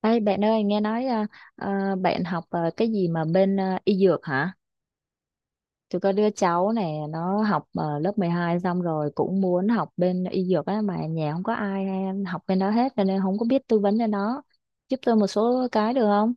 Ê, bạn ơi nghe nói bạn học cái gì mà bên y dược hả? Tôi có đứa cháu này nó học lớp 12 xong rồi cũng muốn học bên y dược á, mà nhà không có ai hay học bên đó hết cho nên không có biết tư vấn cho nó. Giúp tôi một số cái được không?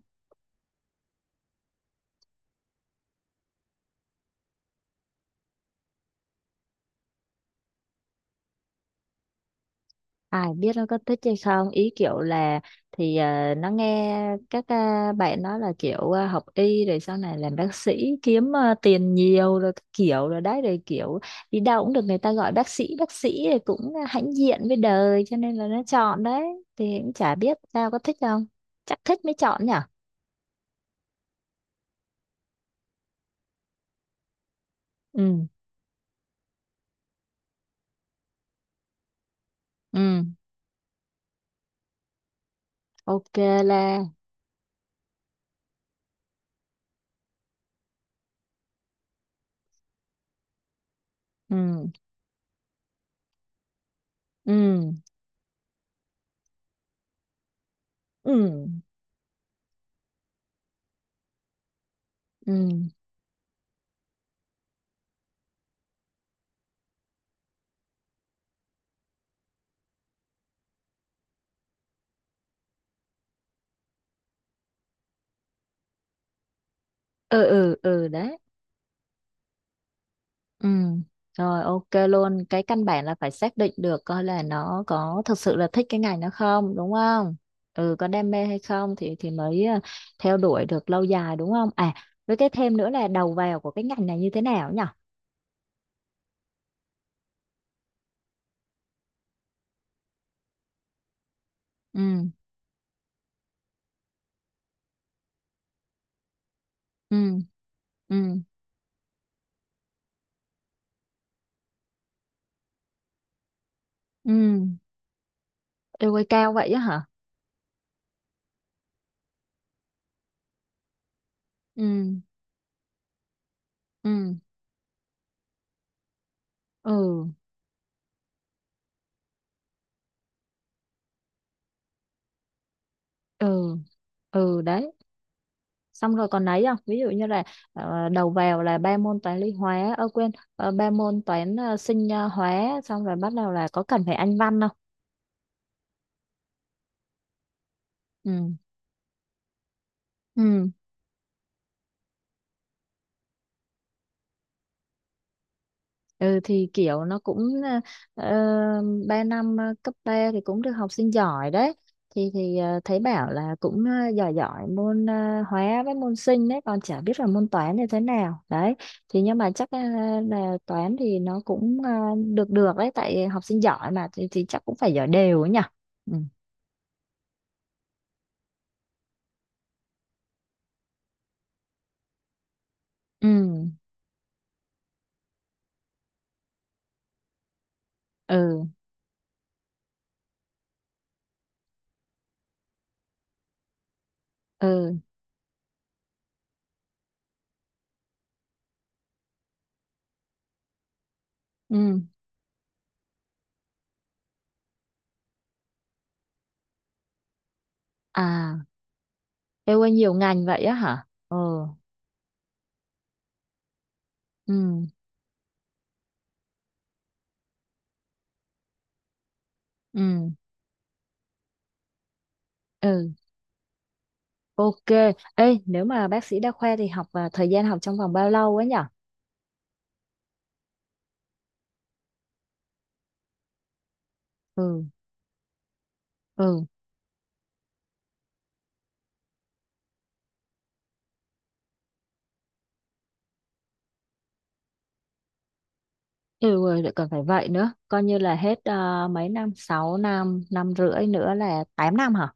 Ai biết nó có thích hay không ý, kiểu là thì nó nghe các bạn nói là kiểu học y rồi sau này làm bác sĩ kiếm tiền nhiều rồi các kiểu rồi đấy rồi kiểu đi đâu cũng được người ta gọi bác sĩ thì cũng hãnh diện với đời cho nên là nó chọn đấy. Thì cũng chả biết tao có thích không, chắc thích mới chọn nhở. Ừ, ừ, ok, là ừ, ừ, ừ, ừ, ừ, ừ, ừ, đấy. Ừ, rồi, ok luôn. Cái căn bản là phải xác định được coi là nó có thực sự là thích cái ngành nó không, đúng không? Ừ, có đam mê hay không thì mới theo đuổi được lâu dài, đúng không? À, với cái thêm nữa là đầu vào của cái ngành này như thế nào nhỉ? Ừ, ừ, ừ, ừ. Yêu ơi, cao vậy á hả? Ừ, ừ, ừ, ừ, ừ, đấy. Xong rồi còn ấy không, ví dụ như là đầu vào là ba môn toán lý hóa, ơ quên, ba môn toán sinh hóa, xong rồi bắt đầu là có cần phải anh văn không? Ừ, ừ, ừ, thì kiểu nó cũng ờ, 3 năm cấp 3 thì cũng được học sinh giỏi đấy. Thì thấy bảo là cũng giỏi giỏi môn hóa với môn sinh đấy, còn chả biết là môn toán như thế nào đấy. Thì nhưng mà chắc là toán thì nó cũng được được đấy, tại học sinh giỏi mà thì chắc cũng phải giỏi đều ấy nhỉ. Ừ, ừ, ừ, ừ, ừ. À, yêu ơi, nhiều ngành vậy á hả? Ồ, ừ, ừ, ừ. Ok, ê, nếu mà bác sĩ đa khoa thì học và thời gian học trong vòng bao lâu ấy nhở? Ừ, ừ, ừ, rồi lại còn phải vậy nữa, coi như là hết mấy năm, 6 năm, năm rưỡi nữa là 8 năm hả?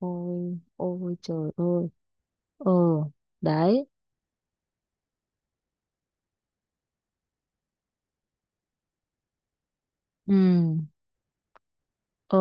Ôi, ôi trời ơi, ừ, đấy, ừ, ừ,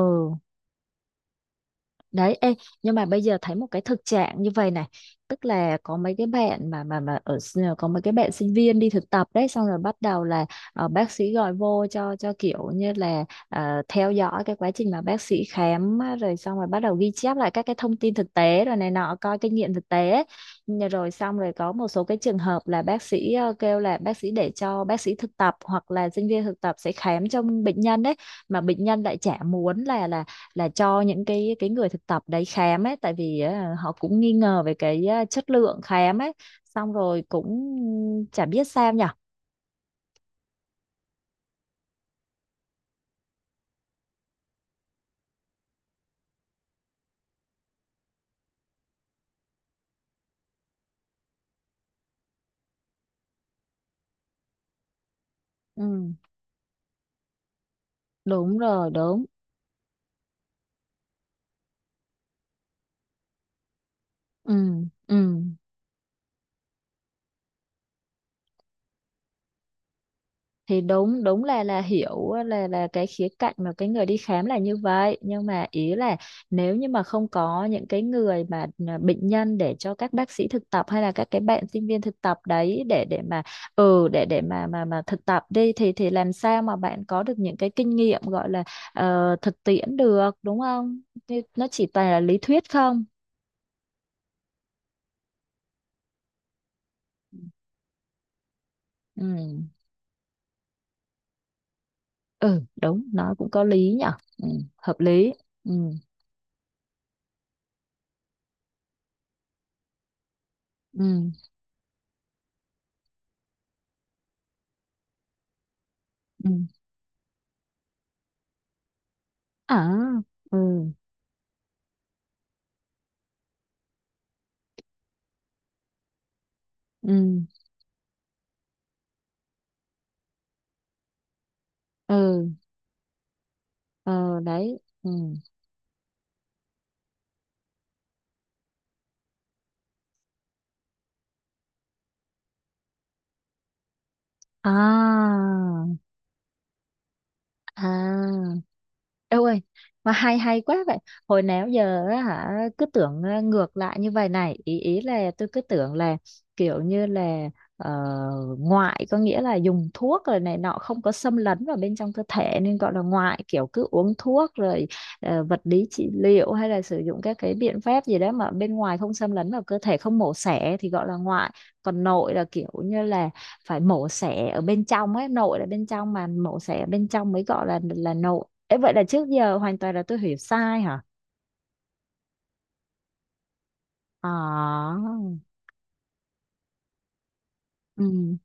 đấy. Ê, nhưng mà bây giờ thấy một cái thực trạng như vậy này, tức là có mấy cái bạn mà ở có mấy cái bạn sinh viên đi thực tập đấy, xong rồi bắt đầu là bác sĩ gọi vô cho kiểu như là theo dõi cái quá trình mà bác sĩ khám á, rồi xong rồi bắt đầu ghi chép lại các cái thông tin thực tế rồi này nọ coi kinh nghiệm thực tế. Nhờ rồi xong rồi có một số cái trường hợp là bác sĩ kêu là bác sĩ để cho bác sĩ thực tập hoặc là sinh viên thực tập sẽ khám cho bệnh nhân đấy, mà bệnh nhân lại chả muốn là cho những cái người thực tập đấy khám ấy, tại vì á, họ cũng nghi ngờ về cái á, chất lượng khám ấy. Xong rồi cũng chả biết sao nhở. Ừ, đúng rồi, đúng, ừ, ừ. Thì đúng đúng là hiểu là cái khía cạnh mà cái người đi khám là như vậy, nhưng mà ý là nếu như mà không có những cái người mà bệnh nhân để cho các bác sĩ thực tập hay là các cái bạn sinh viên thực tập đấy để mà, ừ, để mà thực tập đi thì làm sao mà bạn có được những cái kinh nghiệm gọi là thực tiễn được, đúng không? Thì nó chỉ toàn là lý thuyết không. Ừ, ừ, đúng, nó cũng có lý nhở. Ừ, hợp lý. Ừ, ừ, ừ, à, ừ, ừ, ừ, ờ đấy, ừ, à, à. Đâu ơi, mà hay hay quá vậy. Hồi nào giờ á hả, cứ tưởng ngược lại như vậy này, ý ý là tôi cứ tưởng là kiểu như là ờ, ngoại có nghĩa là dùng thuốc rồi này nọ không có xâm lấn vào bên trong cơ thể nên gọi là ngoại, kiểu cứ uống thuốc rồi vật lý trị liệu hay là sử dụng các cái biện pháp gì đó mà bên ngoài không xâm lấn vào cơ thể không mổ xẻ thì gọi là ngoại. Còn nội là kiểu như là phải mổ xẻ ở bên trong ấy, nội là bên trong mà mổ xẻ ở bên trong mới gọi là nội. Ê, vậy là trước giờ hoàn toàn là tôi hiểu sai hả? À, ừ.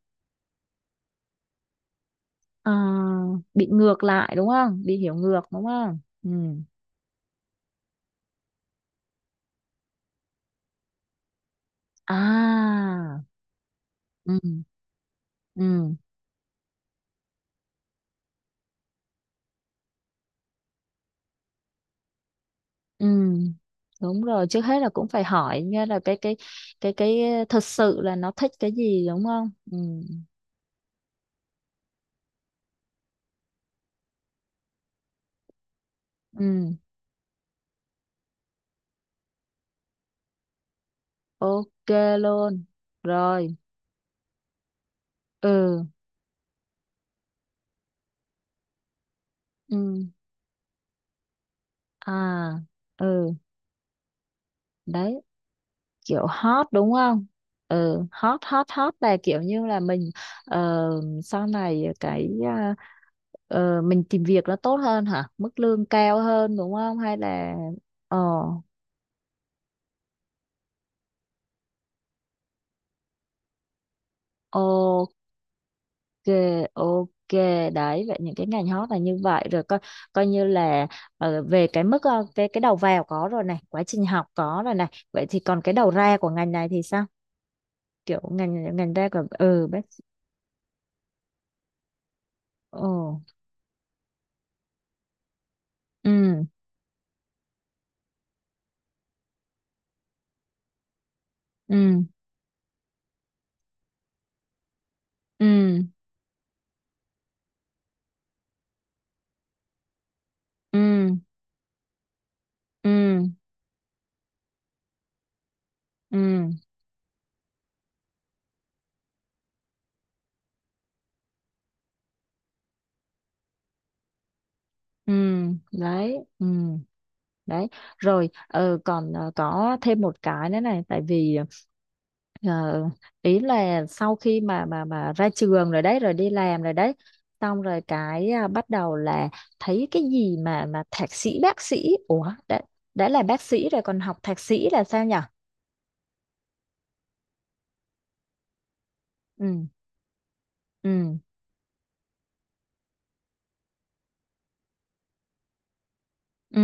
À, bị ngược lại đúng không? Bị hiểu ngược đúng không? Ừ. À, ừ, ừ, ừ. Đúng rồi, trước hết là cũng phải hỏi nha, là cái thật sự là nó thích cái gì đúng không? Ừ. Ừ, ok luôn. Rồi, ừ, ừ. À, ừ. Đấy, kiểu hot đúng không? Ừ, hot hot hot là kiểu như là mình ờ, sau này cái mình tìm việc nó tốt hơn hả, mức lương cao hơn đúng không, hay là ờ ok, ok, đấy vậy những cái ngành hot là như vậy rồi, coi coi như là về cái mức cái đầu vào có rồi này, quá trình học có rồi này, vậy thì còn cái đầu ra của ngành này thì sao? Kiểu ngành ngành ra của, ừ, bác, ừ, ừ, ừ, ừ, ừ, ừ, ừ, ừ, đấy, ừ, đấy. Rồi, còn có thêm một cái nữa này, tại vì ờ, ý là sau khi mà ra trường rồi đấy, rồi đi làm rồi đấy, xong rồi cái bắt đầu là thấy cái gì mà thạc sĩ bác sĩ, ủa, đã là bác sĩ rồi còn học thạc sĩ là sao nhở? Ừ, ừ, ừ,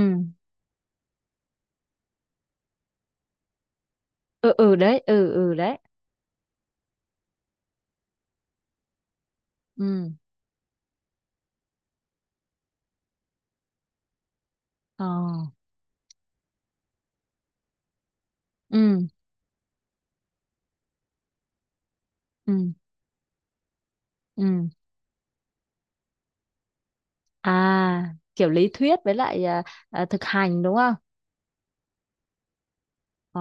ừ, ừ, đấy, ừ, ừ, đấy, ừ, ờ ừ, ừ, ừ. À, kiểu lý thuyết với lại thực hành đúng không? Ờ,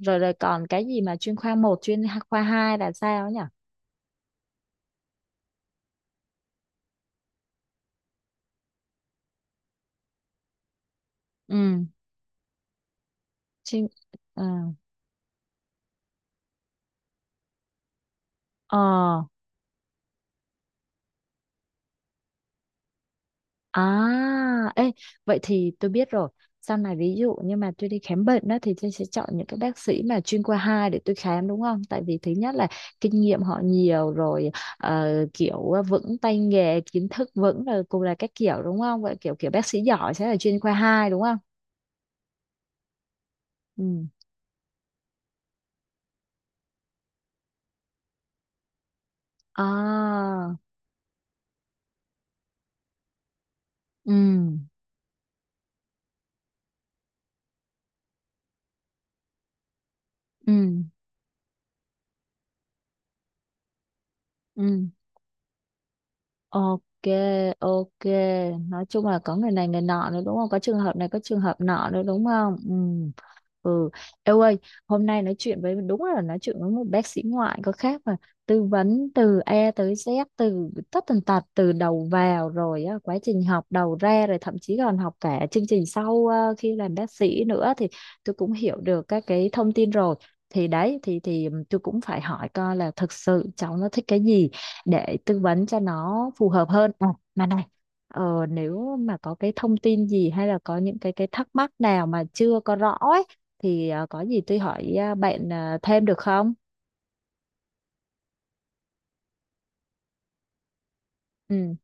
rồi rồi còn cái gì mà chuyên khoa một, chuyên khoa 2 là sao nhỉ? Ừ, chuyên ờ ờ à, ê, vậy thì tôi biết rồi. Sau này ví dụ như mà tôi đi khám bệnh đó thì tôi sẽ chọn những cái bác sĩ mà chuyên khoa 2 để tôi khám đúng không? Tại vì thứ nhất là kinh nghiệm họ nhiều rồi, kiểu vững tay nghề, kiến thức vững rồi cùng là các kiểu đúng không? Vậy kiểu kiểu bác sĩ giỏi sẽ là chuyên khoa 2 đúng không? Ừ. À, ừ, ừ, ừ. Ok, ok. Nói chung là có người này người nọ nữa đúng không? Có trường hợp này, có trường hợp nọ nữa đúng không? Ừ. Ừ. Eo ơi, hôm nay nói chuyện với, đúng là nói chuyện với một bác sĩ ngoại có khác mà, tư vấn từ A tới Z, từ tất tần tật, từ đầu vào rồi á, quá trình học, đầu ra rồi, thậm chí còn học cả chương trình sau khi làm bác sĩ nữa, thì tôi cũng hiểu được các cái thông tin rồi. Thì đấy, thì tôi cũng phải hỏi coi là thực sự cháu nó thích cái gì để tư vấn cho nó phù hợp hơn. À, mà này, nếu mà có cái thông tin gì hay là có những cái thắc mắc nào mà chưa có rõ ấy thì có gì tôi hỏi bạn thêm được không? Ừ,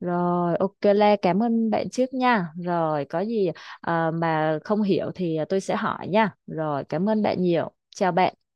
rồi ok Lê, cảm ơn bạn trước nha, rồi có gì mà không hiểu thì tôi sẽ hỏi nha, rồi cảm ơn bạn nhiều, chào bạn.